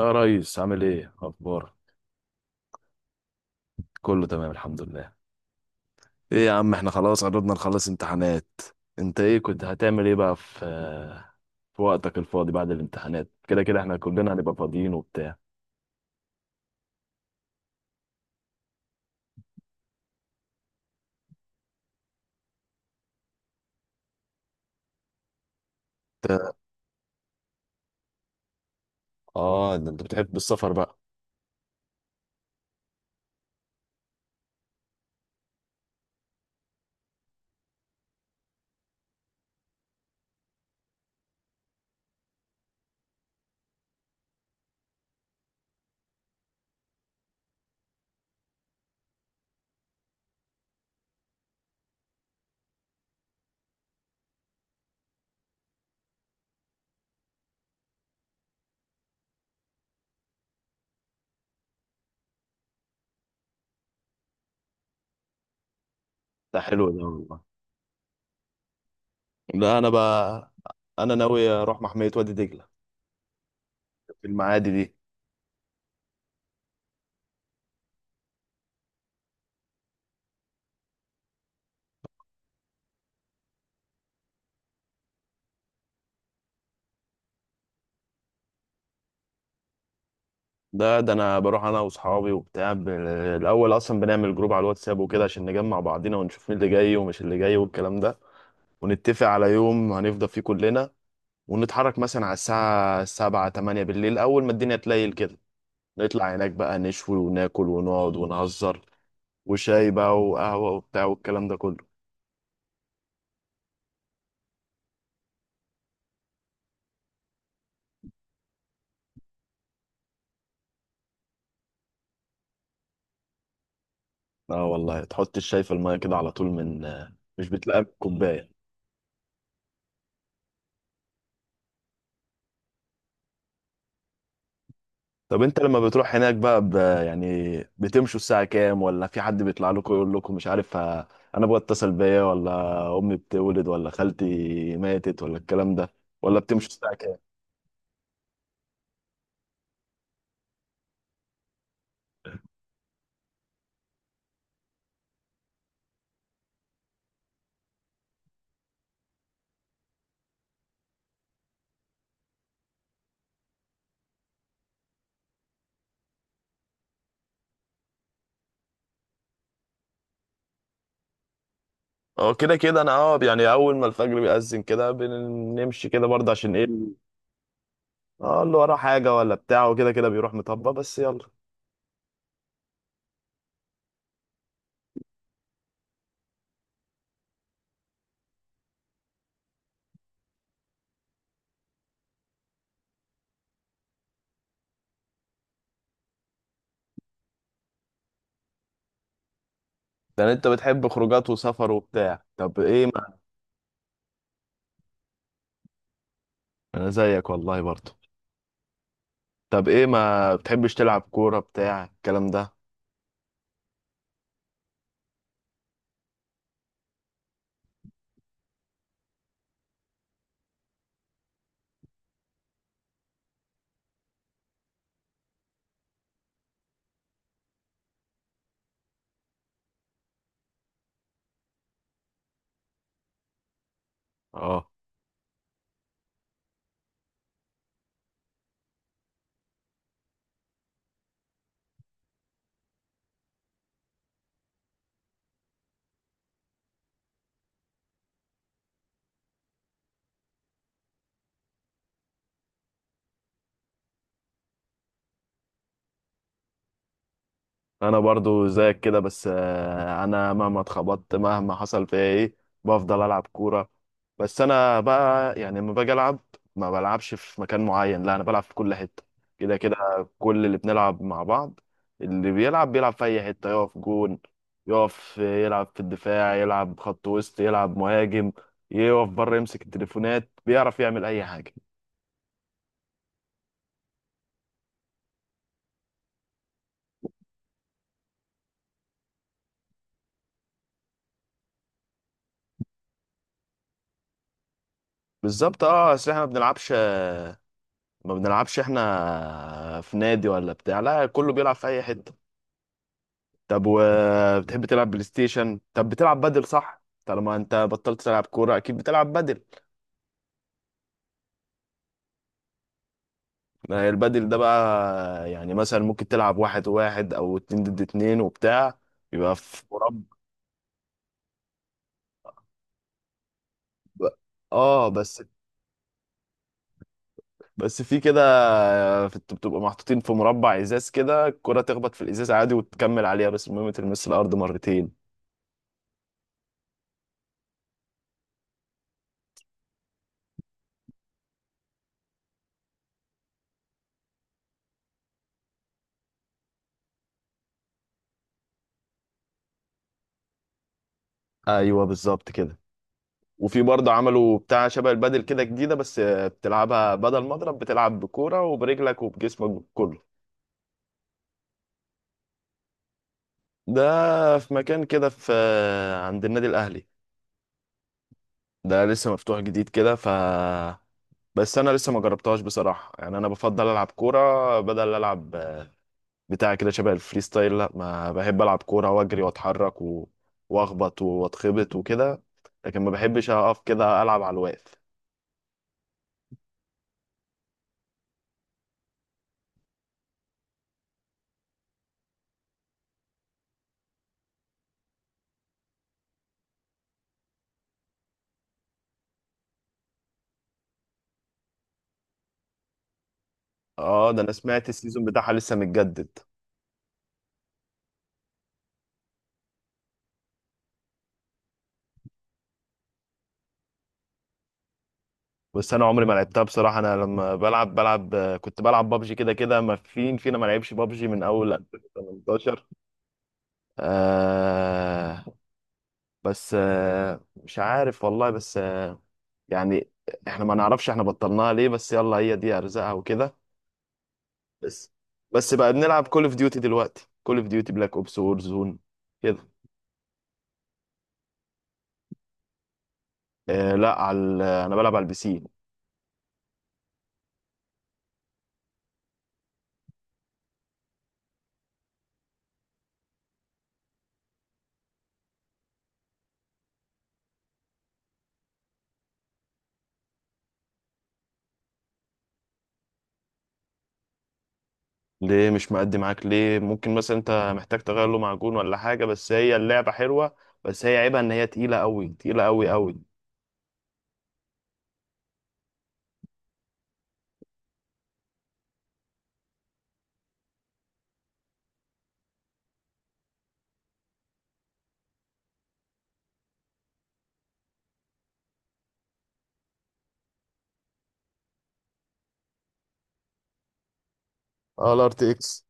يا ريس، عامل ايه؟ اخبارك؟ كله تمام، الحمد لله. ايه يا عم، احنا خلاص قربنا نخلص امتحانات. انت ايه كنت هتعمل ايه بقى في في وقتك الفاضي بعد الامتحانات؟ كده كده احنا كلنا هنبقى فاضيين وبتاع. انت- اه ده انت بتحب السفر بقى. ده حلو ده والله. لا انا بقى، انا ناوي اروح محمية وادي دجلة في المعادي دي. ده انا بروح انا واصحابي وبتاع الاول اصلا بنعمل جروب على الواتساب وكده عشان نجمع بعضينا ونشوف مين اللي جاي ومش اللي جاي والكلام ده. ونتفق على يوم هنفضى فيه كلنا، ونتحرك مثلا على الساعة سبعة تمانية بالليل، أول ما الدنيا تليل كده نطلع هناك بقى، نشوي وناكل ونقعد ونهزر، وشاي بقى وقهوة وبتاع والكلام ده كله. اه والله، تحط الشاي في المية كده على طول، مش بتلاقيها بالكوباية. طب انت لما بتروح هناك بقى يعني بتمشوا الساعة كام؟ ولا في حد بيطلع لكم يقول لكم مش عارف انا ابويا اتصل بيا، ولا امي بتولد، ولا خالتي ماتت، ولا الكلام ده؟ ولا بتمشوا الساعة؟ اه، كده كده انا اه يعني اول ما الفجر بيأذن كده بنمشي كده برضه، عشان ايه؟ اه، اللي وراه حاجه ولا بتاع وكده كده بيروح مطبق، بس يلا. يعني انت بتحب خروجات وسفر وبتاع؟ طب ايه ما انا زيك والله برضه. طب ايه ما بتحبش تلعب كوره بتاع الكلام ده؟ اه، انا برضو زيك كده، بس انا مهما اتخبطت، مهما حصل فيا ايه، بفضل العب كوره. بس انا بقى يعني لما باجي العب ما بلعبش في مكان معين، لا، انا بلعب في كل حته كده كده. كل اللي بنلعب مع بعض، اللي بيلعب بيلعب في اي حته، يقف جون، يقف يلعب في الدفاع، يلعب خط وسط، يلعب مهاجم، يقف بره يمسك التليفونات، بيعرف يعمل اي حاجه. بالظبط، اه، اصل احنا ما بنلعبش، ما بنلعبش احنا في نادي ولا بتاع، لا، كله بيلعب في اي حته. طب وبتحب تلعب بلاي ستيشن؟ طب بتلعب بدل؟ صح، طالما انت بطلت تلعب كوره اكيد بتلعب بدل. ما هي البدل ده بقى يعني مثلا ممكن تلعب واحد واحد، او اتنين ضد اتنين وبتاع، يبقى في مربع. اه بس، في كده، بتبقى محطوطين في مربع ازاز كده، الكره تخبط في الازاز عادي وتكمل عليها، بس المهم تلمس الارض مرتين. ايوه بالظبط كده. وفي برضه عملوا بتاع شبه البادل كده جديدة، بس بتلعبها بدل مضرب بتلعب بكورة وبرجلك وبجسمك كله. ده في مكان كده في عند النادي الأهلي، ده لسه مفتوح جديد كده، ف بس أنا لسه ما جربتهاش بصراحة. يعني أنا بفضل ألعب كورة بدل ألعب بتاع كده شبه الفري ستايل. لا، ما بحب ألعب كورة وأجري وأتحرك وأخبط وأتخبط وكده، لكن ما بحبش أقف كده ألعب على الواقف. اه، ده أنا سمعت السيزون بتاعها لسه متجدد. بس انا عمري ما لعبتها بصراحه. انا لما بلعب بلعب، كنت بلعب بابجي. كده كده ما فين فينا ما لعبش بابجي من اول 2018. آه، بس آه مش عارف والله، بس آه، يعني احنا ما نعرفش احنا بطلناها ليه، بس يلا هي دي ارزاقها وكده. بس بس بقى بنلعب كول اوف ديوتي دلوقتي، كول اوف ديوتي بلاك اوبس وور زون كده. آه لا، انا بلعب على البي سي. ليه مش مأدي معاك ليه؟ ممكن مثلا انت محتاج تغير له معجون ولا حاجة، بس هي اللعبة حلوة. بس هي عيبها ان هي تقيلة قوي، تقيلة قوي قوي. اه، الار تي اكس.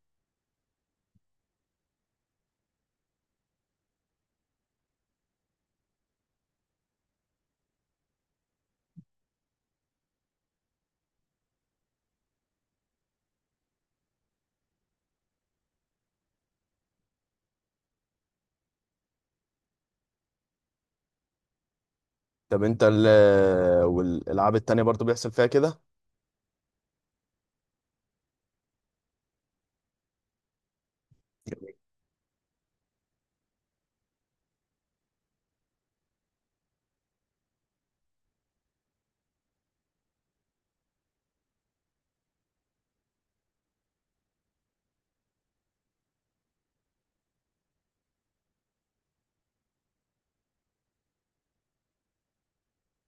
طب انت ال والالعاب التانية برضو بيحصل فيها كده؟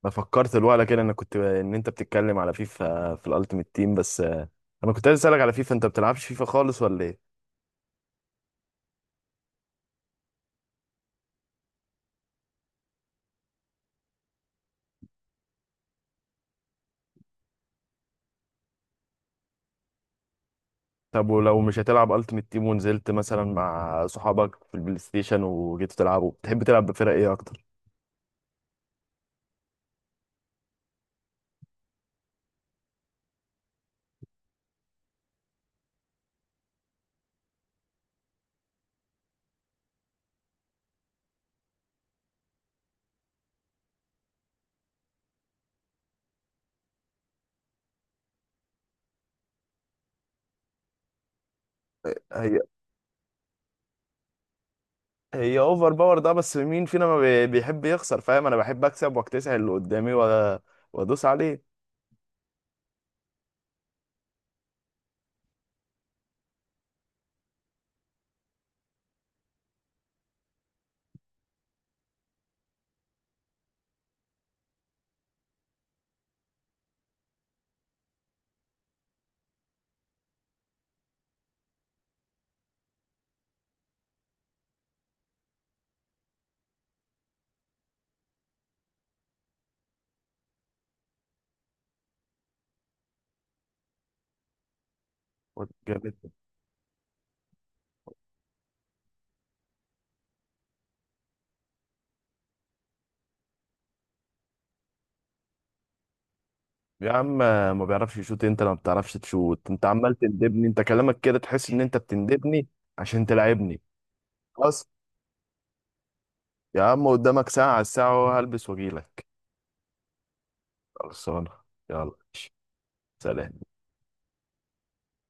انا فكرت الوقت كده انا كنت ان انت بتتكلم على فيفا في الالتيميت تيم، بس انا كنت عايز اسالك على فيفا، انت بتلعبش فيفا خالص ولا ايه؟ طب ولو مش هتلعب التيميت تيم ونزلت مثلا مع صحابك في البلاي ستيشن وجيتوا تلعبوا، بتحب تلعب بفرق ايه اكتر؟ هي هي اوفر باور ده، بس مين فينا ما بيحب يخسر؟ فاهم، انا بحب اكسب واكتسح اللي قدامي وادوس عليه. جامد. يا عم ما بيعرفش يشوت؟ انت ما بتعرفش تشوت؟ انت عمال تندبني، انت كلامك كده تحس ان انت بتندبني عشان تلعبني. خلاص يا عم، قدامك ساعة على الساعة وهلبس واجيلك. خلصانة. يلا. سلام.